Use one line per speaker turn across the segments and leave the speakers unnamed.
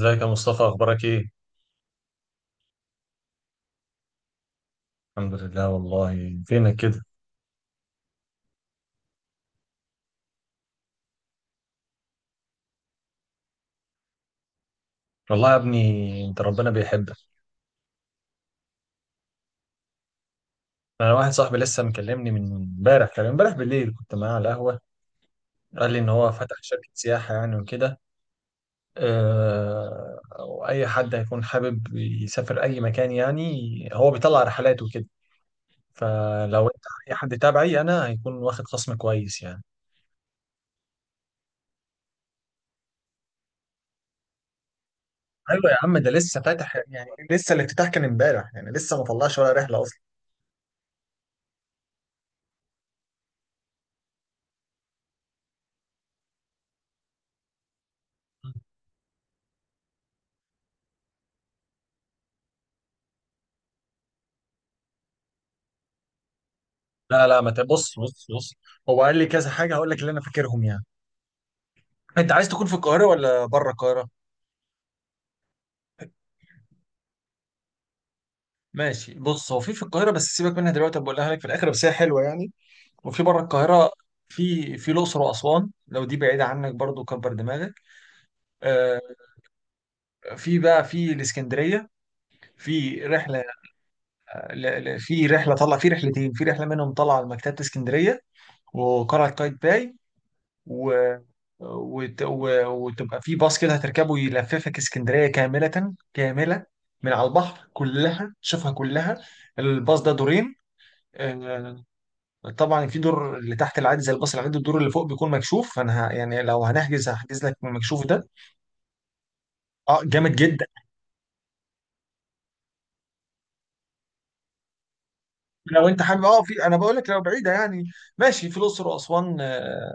ازيك يا مصطفى؟ اخبارك ايه؟ الحمد لله. والله فينك كده؟ والله يا ابني انت ربنا بيحبك. انا واحد صاحبي لسه مكلمني من امبارح، كان امبارح بالليل كنت معاه على القهوه. قال لي ان هو فتح شركه سياحه يعني وكده. واي حد هيكون حابب يسافر اي مكان يعني، هو بيطلع رحلات وكده. فلو انت اي حد تابعي انا هيكون واخد خصم كويس يعني. ايوه يا عم، ده لسه فاتح يعني، لسه الافتتاح كان امبارح يعني، لسه ما طلعش ولا رحله اصلا. لا لا، ما ت- بص بص. هو قال لي كذا حاجه، هقول لك اللي انا فاكرهم يعني. انت عايز تكون في القاهره ولا بره القاهره؟ ماشي، بص، هو في القاهره بس سيبك منها دلوقتي، بقولها لك في الاخر، بس هي حلوه يعني. وفي بره القاهره، في الاقصر واسوان. لو دي بعيده عنك برضو كبر دماغك. آه. في بقى في الاسكندريه، في رحله. في رحله، طلع في رحلتين، في رحله منهم طلع على مكتبه اسكندريه وقلعه قايتباي و... وتبقى في باص كده هتركبه، يلففك اسكندرية كاملة كاملة من على البحر، كلها شوفها كلها. الباص ده دورين. آه، طبعا في دور اللي تحت العادي زي الباص العادي، الدور اللي فوق بيكون مكشوف، فانا يعني لو هنحجز هحجز لك من المكشوف ده. اه جامد جدا. لو انت حابب اه، في انا بقول لك لو بعيده يعني، ماشي. في الاقصر واسوان،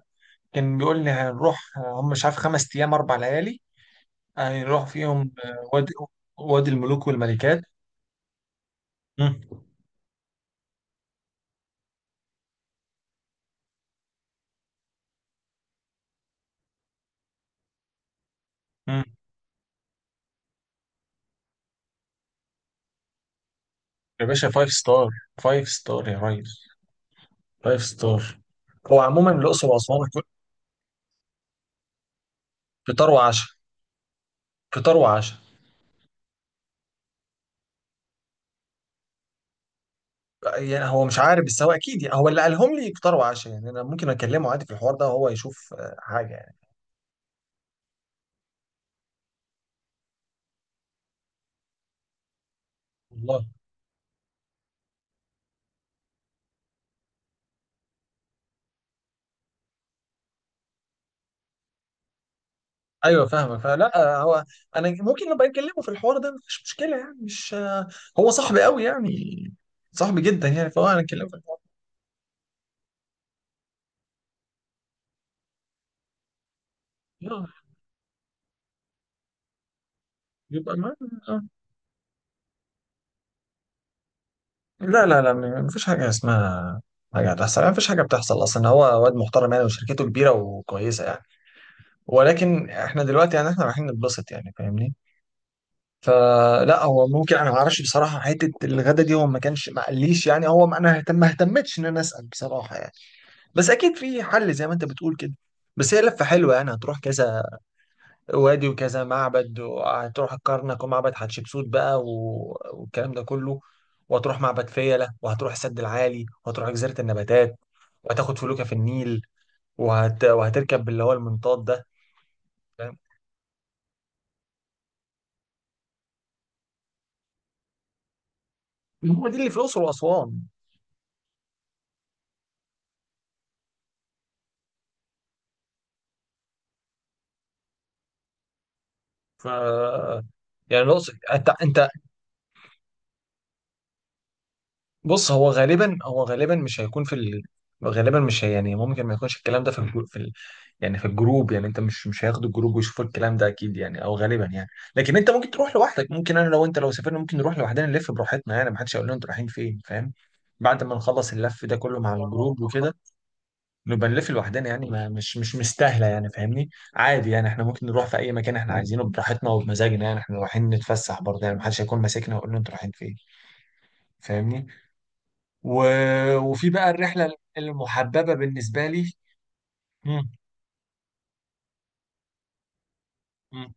كان بيقول لي هنروح، هم مش عارف 5 ايام 4 ليالي هنروح فيهم، وادي، وادي الملوك والملكات. مم. مم. يا باشا فايف ستار، فايف ستار يا ريس، فايف ستار. هو عموما الاقصر واسوان فطار وعشاء، فطار وعشاء. يعني هو مش عارف بس هو اكيد، يعني هو اللي قالهم لي فطار وعشاء يعني، انا ممكن اكلمه عادي في الحوار ده وهو يشوف حاجه يعني. والله ايوه فاهمك. فلا، هو انا ممكن ابقى اكلمه في الحوار ده مفيش مشكله يعني، مش آه، هو صاحبي قوي يعني، صاحبي جدا يعني، فهو انا اكلمه في الحوار ده. يبقى معانا. لا لا لا، مفيش حاجة اسمها حاجة هتحصل يعني، مفيش حاجة بتحصل أصلا. هو واد محترم يعني، وشركته كبيرة وكويسة يعني، ولكن إحنا دلوقتي يعني إحنا رايحين نتبسط يعني فاهمني. فلا هو ممكن، أنا معرفش بصراحة حتة الغدا دي، هو ما كانش ما قاليش يعني، هو ما أنا اهتم، ما اهتمتش إن أنا أسأل بصراحة يعني. بس أكيد في حل زي ما أنت بتقول كده. بس هي لفة حلوة يعني، هتروح كذا وادي وكذا معبد، وهتروح الكرنك ومعبد حتشبسوت بقى والكلام ده كله، وهتروح معبد فيلة وهتروح السد العالي وهتروح جزيرة النباتات، وهتاخد فلوكة في النيل، وهتركب اللي هو المنطاد ده. فاهم؟ هو دي اللي في الأقصر وأسوان. ف يعني الأقصر، أنت بص، هو غالبا مش هيكون في غالبا مش هي... يعني ممكن ما يكونش الكلام ده في يعني في الجروب يعني، انت مش هياخدوا الجروب ويشوفوا الكلام ده اكيد يعني، او غالبا يعني. لكن انت ممكن تروح لوحدك، ممكن انا لو انت لو سافرنا ممكن نروح لوحدنا، نلف براحتنا يعني، محدش هيقول لنا انتوا رايحين فين، فاهم؟ بعد ما نخلص اللف ده كله مع الجروب وكده نبقى نلف لوحدنا يعني، ما مش مش مستاهله يعني، فاهمني؟ عادي يعني، احنا ممكن نروح في اي مكان احنا عايزينه براحتنا وبمزاجنا يعني، احنا رايحين نتفسح برضه يعني، محدش هيكون ماسكنا ويقول لنا انتوا رايحين فين. فاهمني؟ و... وفي بقى الرحله المحببه بالنسبه لي. مم. مم.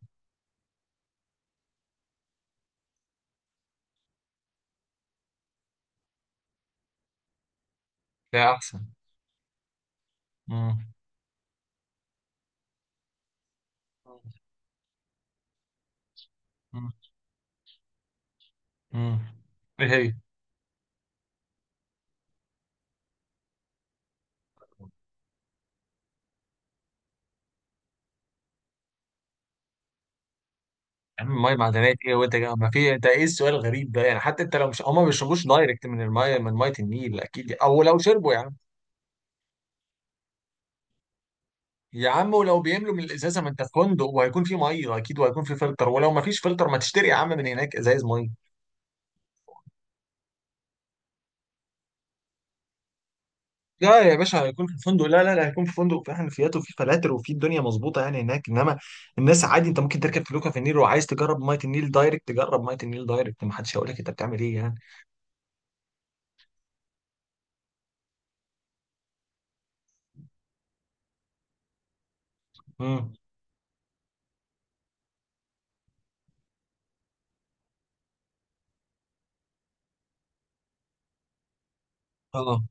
ده احسن. مم. مم. ايه هي؟ يا عم ميه معدنيه ايه وانت جاي؟ ما في، انت ايه السؤال الغريب ده يعني؟ حتى انت لو مش، هما ما بيشربوش دايركت من الميه، من ميه النيل اكيد، او لو شربوا يا عم. يا عم ولو بيملوا من الازازه، ما انت في فندق وهيكون في ميه اكيد، وهيكون في فلتر، ولو ما فيش فلتر ما تشتري يا عم من هناك ازايز ميه. لا يا باشا، هيكون في الفندق، لا لا لا، هيكون في فندق في حنفيات وفي فلاتر وفي الدنيا مظبوطه يعني هناك. انما الناس عادي، انت ممكن تركب فلوكه في النيل وعايز تجرب ميه النيل دايركت، تجرب ميه النيل دايركت، ما حدش هيقول لك انت بتعمل ايه يعني. امم. اه.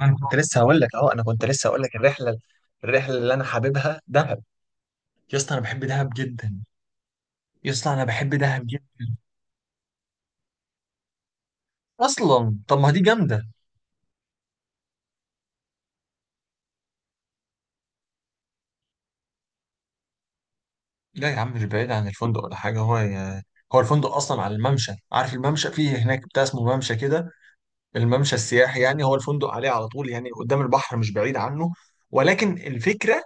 انا كنت لسه هقول لك اهو، انا كنت لسه هقول لك الرحله، الرحله اللي انا حاببها دهب. يا اسطى انا بحب دهب جدا، يا اسطى انا بحب دهب جدا. اصلا طب ما دي جامده. لا يا عم مش بعيد عن الفندق ولا حاجه. هو الفندق اصلا على الممشى، عارف الممشى فيه هناك بتاع اسمه ممشى كده، الممشى السياحي يعني، هو الفندق عليه على طول يعني، قدام البحر مش بعيد عنه. ولكن الفكره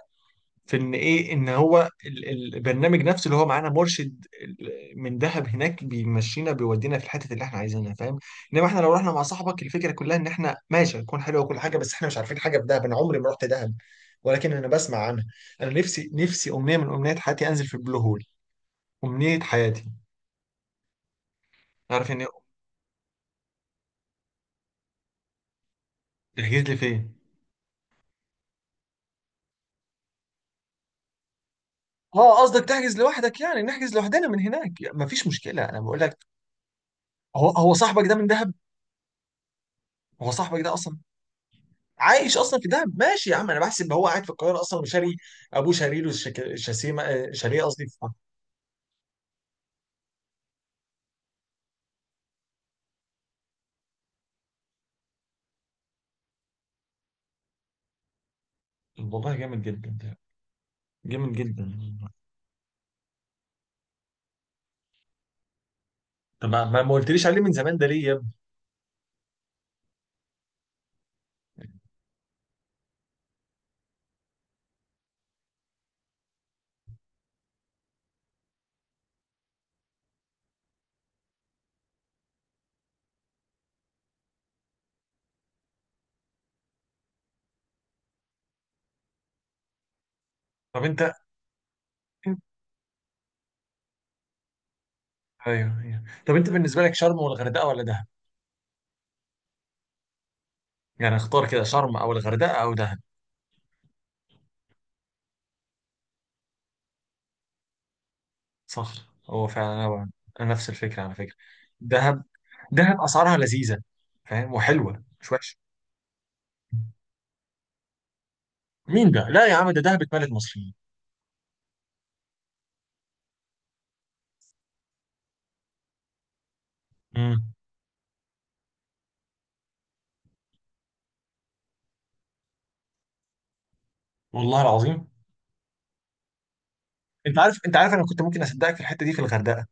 في ان ايه، ان هو البرنامج نفسه اللي هو معانا مرشد من دهب هناك بيمشينا، بيودينا في الحته اللي احنا عايزينها، فاهم؟ انما احنا لو رحنا مع صاحبك الفكره كلها ان احنا ماشي، هتكون حلوه وكل حاجه، بس احنا مش عارفين حاجه في دهب، انا عمري ما رحت دهب، ولكن انا بسمع عنها. انا نفسي، نفسي امنيه من امنيات حياتي انزل في البلو هول، امنيه حياتي. عارف ان. تحجز لي فين؟ اه قصدك تحجز لوحدك يعني، نحجز لوحدنا من هناك يعني، مفيش مشكله انا بقول لك. هو صاحبك ده من دهب؟ هو صاحبك ده اصلا عايش اصلا في دهب؟ ماشي يا عم، انا بحسب هو قاعد في القاهره اصلا وشاري. ابوه شاري له شك- شاسيمه آه، شاليه، قصدي، في. والله جامد جدا ده، جامد جدا. طب ما قلتليش عليه من زمان ده ليه يا ابني؟ طب انت. ايوه ايوه، طب انت بالنسبه لك شرم والغردقه ولا دهب؟ يعني اختار كده، شرم او الغردقه او دهب. صح. هو فعلا هو انا نفس الفكره على فكره، دهب. دهب اسعارها لذيذه، فاهم؟ وحلوه مش وحشه. مين ده؟ لا يا عم ده دهب اتملت مصريين. امم. والله العظيم. انت عارف انا كنت ممكن اصدقك في الحته دي في الغردقه،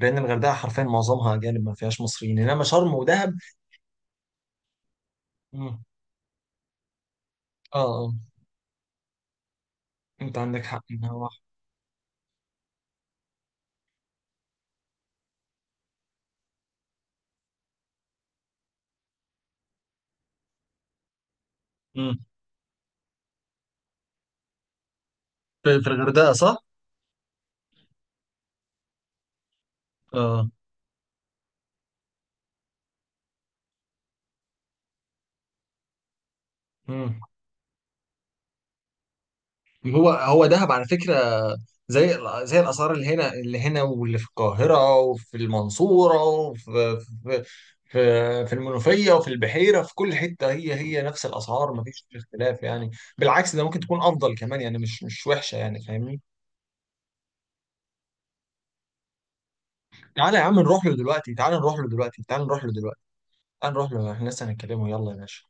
لان الغردقه حرفيا معظمها اجانب ما فيهاش مصريين، انما شرم ودهب. مم. اه. اه. انت عندك حق ان هو. مم. في في الغردقه، صح؟ اه. مم. هو هو دهب على فكره، زي، زي الاسعار اللي هنا، اللي هنا واللي في القاهره وفي المنصوره وفي في المنوفيه وفي البحيره، في كل حته هي هي نفس الاسعار، ما فيش اختلاف يعني. بالعكس ده ممكن تكون افضل كمان يعني، مش وحشه يعني، فاهمني؟ تعالى يا عم نروح له دلوقتي، تعالى نروح له دلوقتي، تعالى نروح له دلوقتي، تعالى نروح له، احنا لسه هنتكلمه، يلا يا باشا.